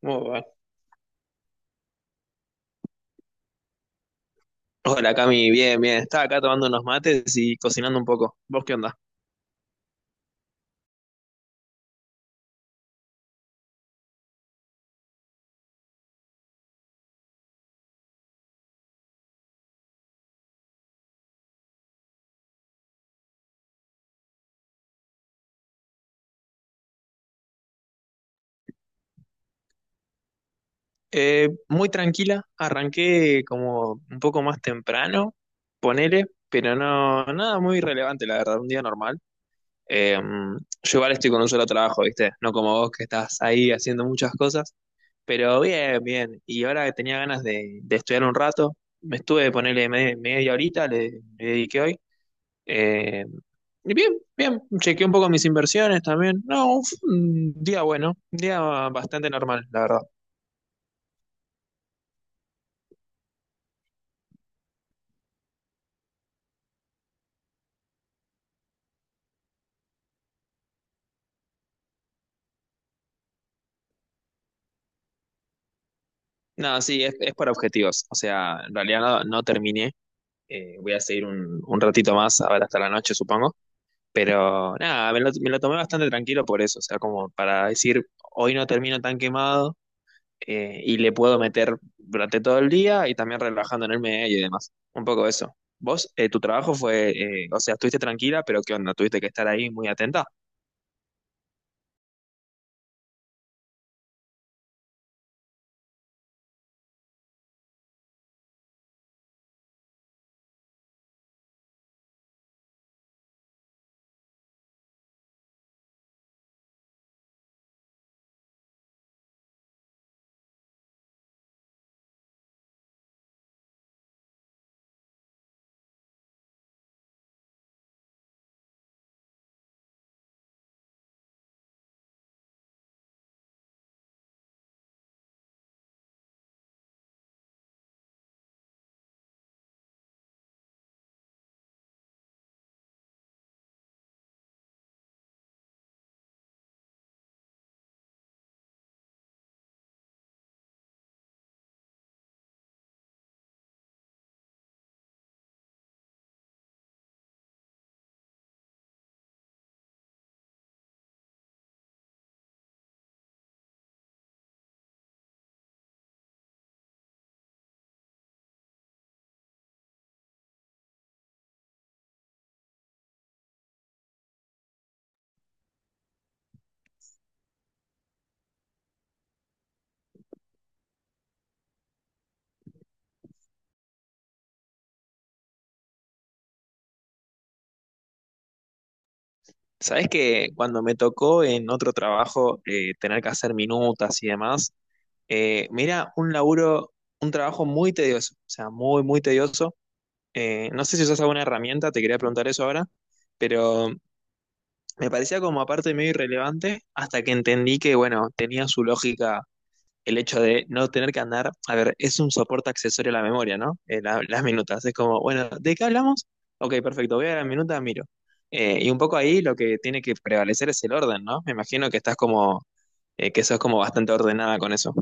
Muy bueno. Hola Cami, bien, bien. Estaba acá tomando unos mates y cocinando un poco. ¿Vos qué onda? Muy tranquila, arranqué como un poco más temprano, ponele, pero no, nada muy relevante, la verdad, un día normal. Eh, yo igual estoy con un solo trabajo, ¿viste? No como vos que estás ahí haciendo muchas cosas, pero bien, bien. Y ahora que tenía ganas de estudiar un rato, me estuve, ponele media horita, le dediqué hoy. Eh, y bien, bien, chequeé un poco mis inversiones también. No, fue un día bueno, un día bastante normal, la verdad. No, sí, es para objetivos. O sea, en realidad no, no terminé. Voy a seguir un ratito más, a ver, hasta la noche, supongo. Pero nada, me lo tomé bastante tranquilo por eso. O sea, como para decir, hoy no termino tan quemado y le puedo meter durante todo el día y también relajando en el medio y demás. Un poco eso. Vos, tu trabajo fue, o sea, estuviste tranquila, pero ¿qué onda? Tuviste que estar ahí muy atenta. ¿Sabés que cuando me tocó en otro trabajo tener que hacer minutas y demás, mira, un trabajo muy tedioso? O sea, muy, muy tedioso. No sé si usas alguna herramienta, te quería preguntar eso ahora, pero me parecía como aparte medio irrelevante hasta que entendí que, bueno, tenía su lógica el hecho de no tener que andar, a ver, es un soporte accesorio a la memoria, ¿no? Las minutas, es como, bueno, ¿de qué hablamos? Ok, perfecto, voy a la minuta, miro. Y un poco ahí lo que tiene que prevalecer es el orden, ¿no? Me imagino que estás como, que sos como bastante ordenada con eso.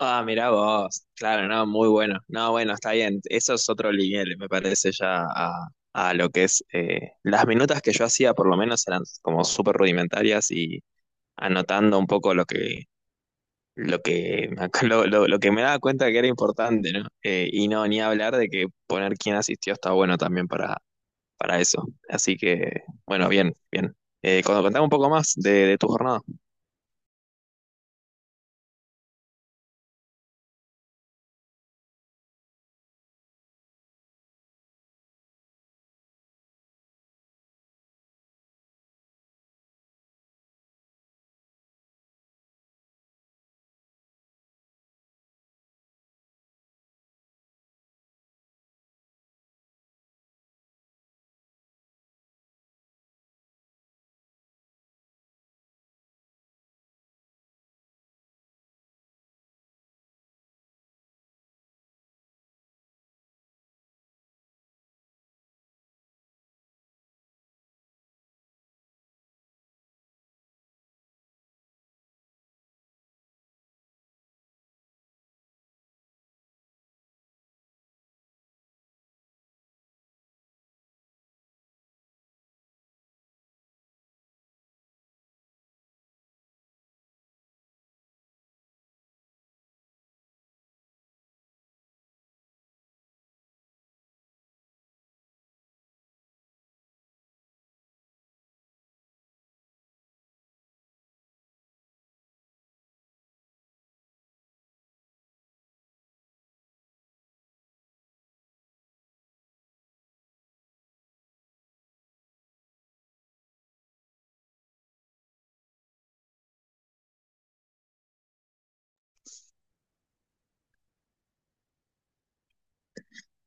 Ah, mirá vos, claro, no, muy bueno. No, bueno, está bien, eso es otro nivel, me parece ya a lo que es, las minutas que yo hacía por lo menos eran como súper rudimentarias y anotando un poco lo que, lo que me daba cuenta que era importante, ¿no? Y no, ni hablar de que poner quién asistió está bueno también para eso. Así que, bueno, bien, bien. Contame un poco más de tu jornada.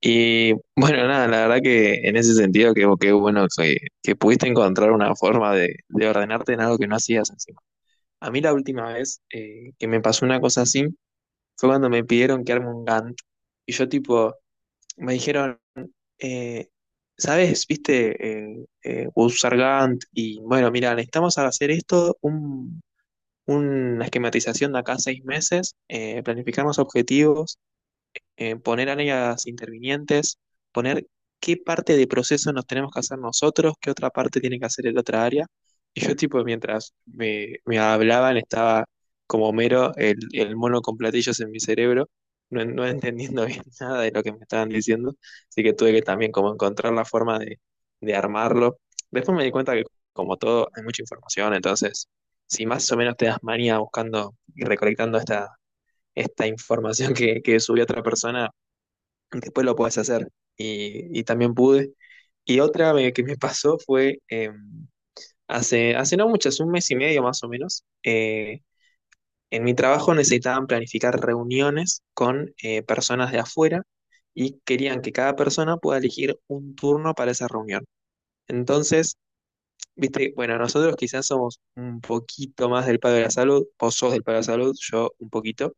Y bueno, nada, la verdad que en ese sentido, que bueno que pudiste encontrar una forma de ordenarte en algo que no hacías encima. A mí la última vez que me pasó una cosa así fue cuando me pidieron que arme un Gantt. Y yo tipo, me dijeron... eh, ¿sabes? Viste, Gus Sargant y bueno, mira, necesitamos hacer esto, una esquematización de acá a seis meses, planificar los objetivos poner a las intervinientes, poner qué parte de proceso nos tenemos que hacer nosotros, qué otra parte tiene que hacer el otra área. Y yo, tipo, mientras me hablaban, estaba como mero el mono con platillos en mi cerebro, no, no entendiendo bien nada de lo que me estaban diciendo. Así que tuve que también como encontrar la forma de armarlo. Después me di cuenta que, como todo, hay mucha información, entonces, si más o menos te das manía buscando y recolectando esta información que subió otra persona, después lo puedes hacer. Y también pude. Y otra que me pasó fue hace no muchas, un mes y medio más o menos, en mi trabajo necesitaban planificar reuniones con personas de afuera y querían que cada persona pueda elegir un turno para esa reunión. Entonces, viste, bueno, nosotros quizás somos un poquito más del palo de la salud, vos sos del palo de la salud, yo un poquito.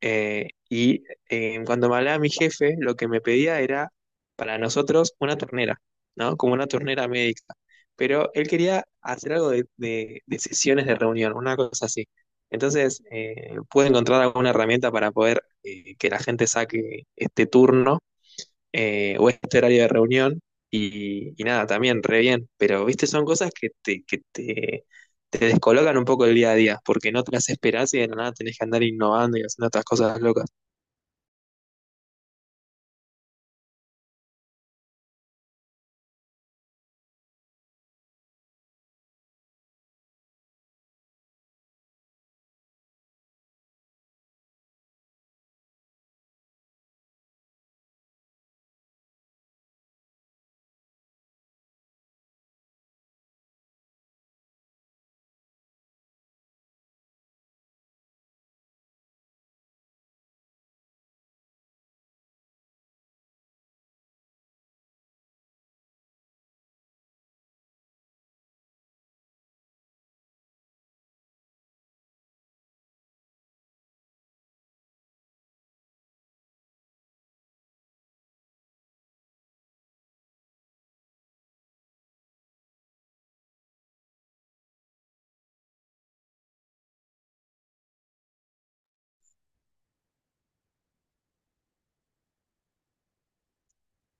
Eh, y Cuando me hablaba mi jefe, lo que me pedía era para nosotros una ternera, ¿no? Como una ternera médica. Pero él quería hacer algo de sesiones de reunión, una cosa así. Entonces, pude encontrar alguna herramienta para poder que la gente saque este turno o este horario de reunión. Y nada, también, re bien. Pero, viste, son cosas que te descolocan un poco el día a día, porque no te las esperás y de la nada tenés que andar innovando y haciendo otras cosas locas.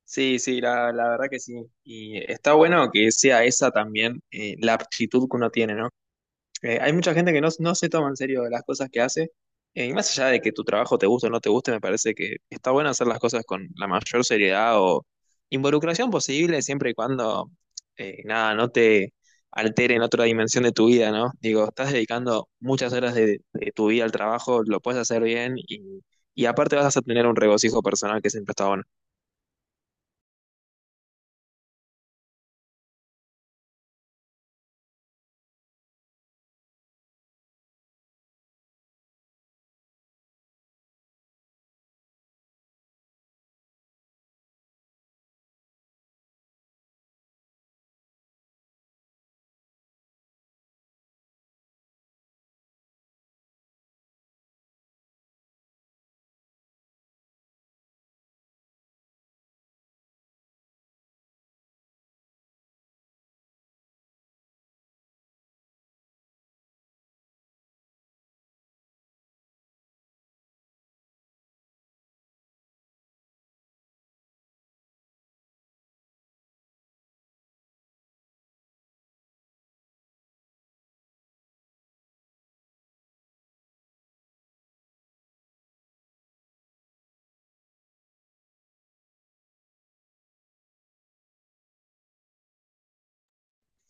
Sí, sí, la verdad que sí. Y está bueno que sea esa también la aptitud que uno tiene, ¿no? Hay mucha gente que no, no se toma en serio las cosas que hace. Y más allá de que tu trabajo te guste o no te guste, me parece que está bueno hacer las cosas con la mayor seriedad o involucración posible, siempre y cuando, nada, no te altere en otra dimensión de tu vida, ¿no? Digo, estás dedicando muchas horas de tu vida al trabajo, lo puedes hacer bien y aparte vas a tener un regocijo personal que siempre está bueno.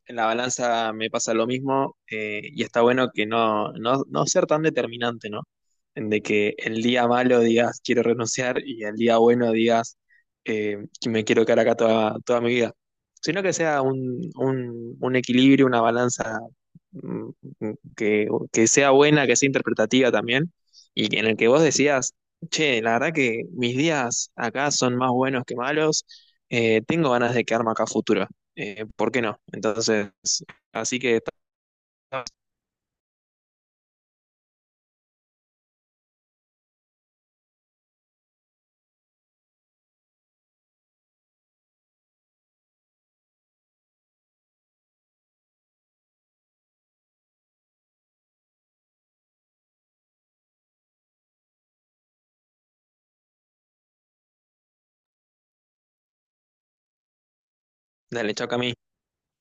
En la balanza me pasa lo mismo y está bueno que no, no, no ser tan determinante, ¿no? En de que el día malo digas quiero renunciar y el día bueno digas que me quiero quedar acá toda, toda mi vida, sino que sea un equilibrio, una balanza mm, que sea buena, que sea interpretativa también y que- en el que vos decías, che, la verdad que mis días acá son más buenos que malos, tengo ganas de quedarme acá a futuro ¿por qué no? Entonces, así que está- dale, chao Cami.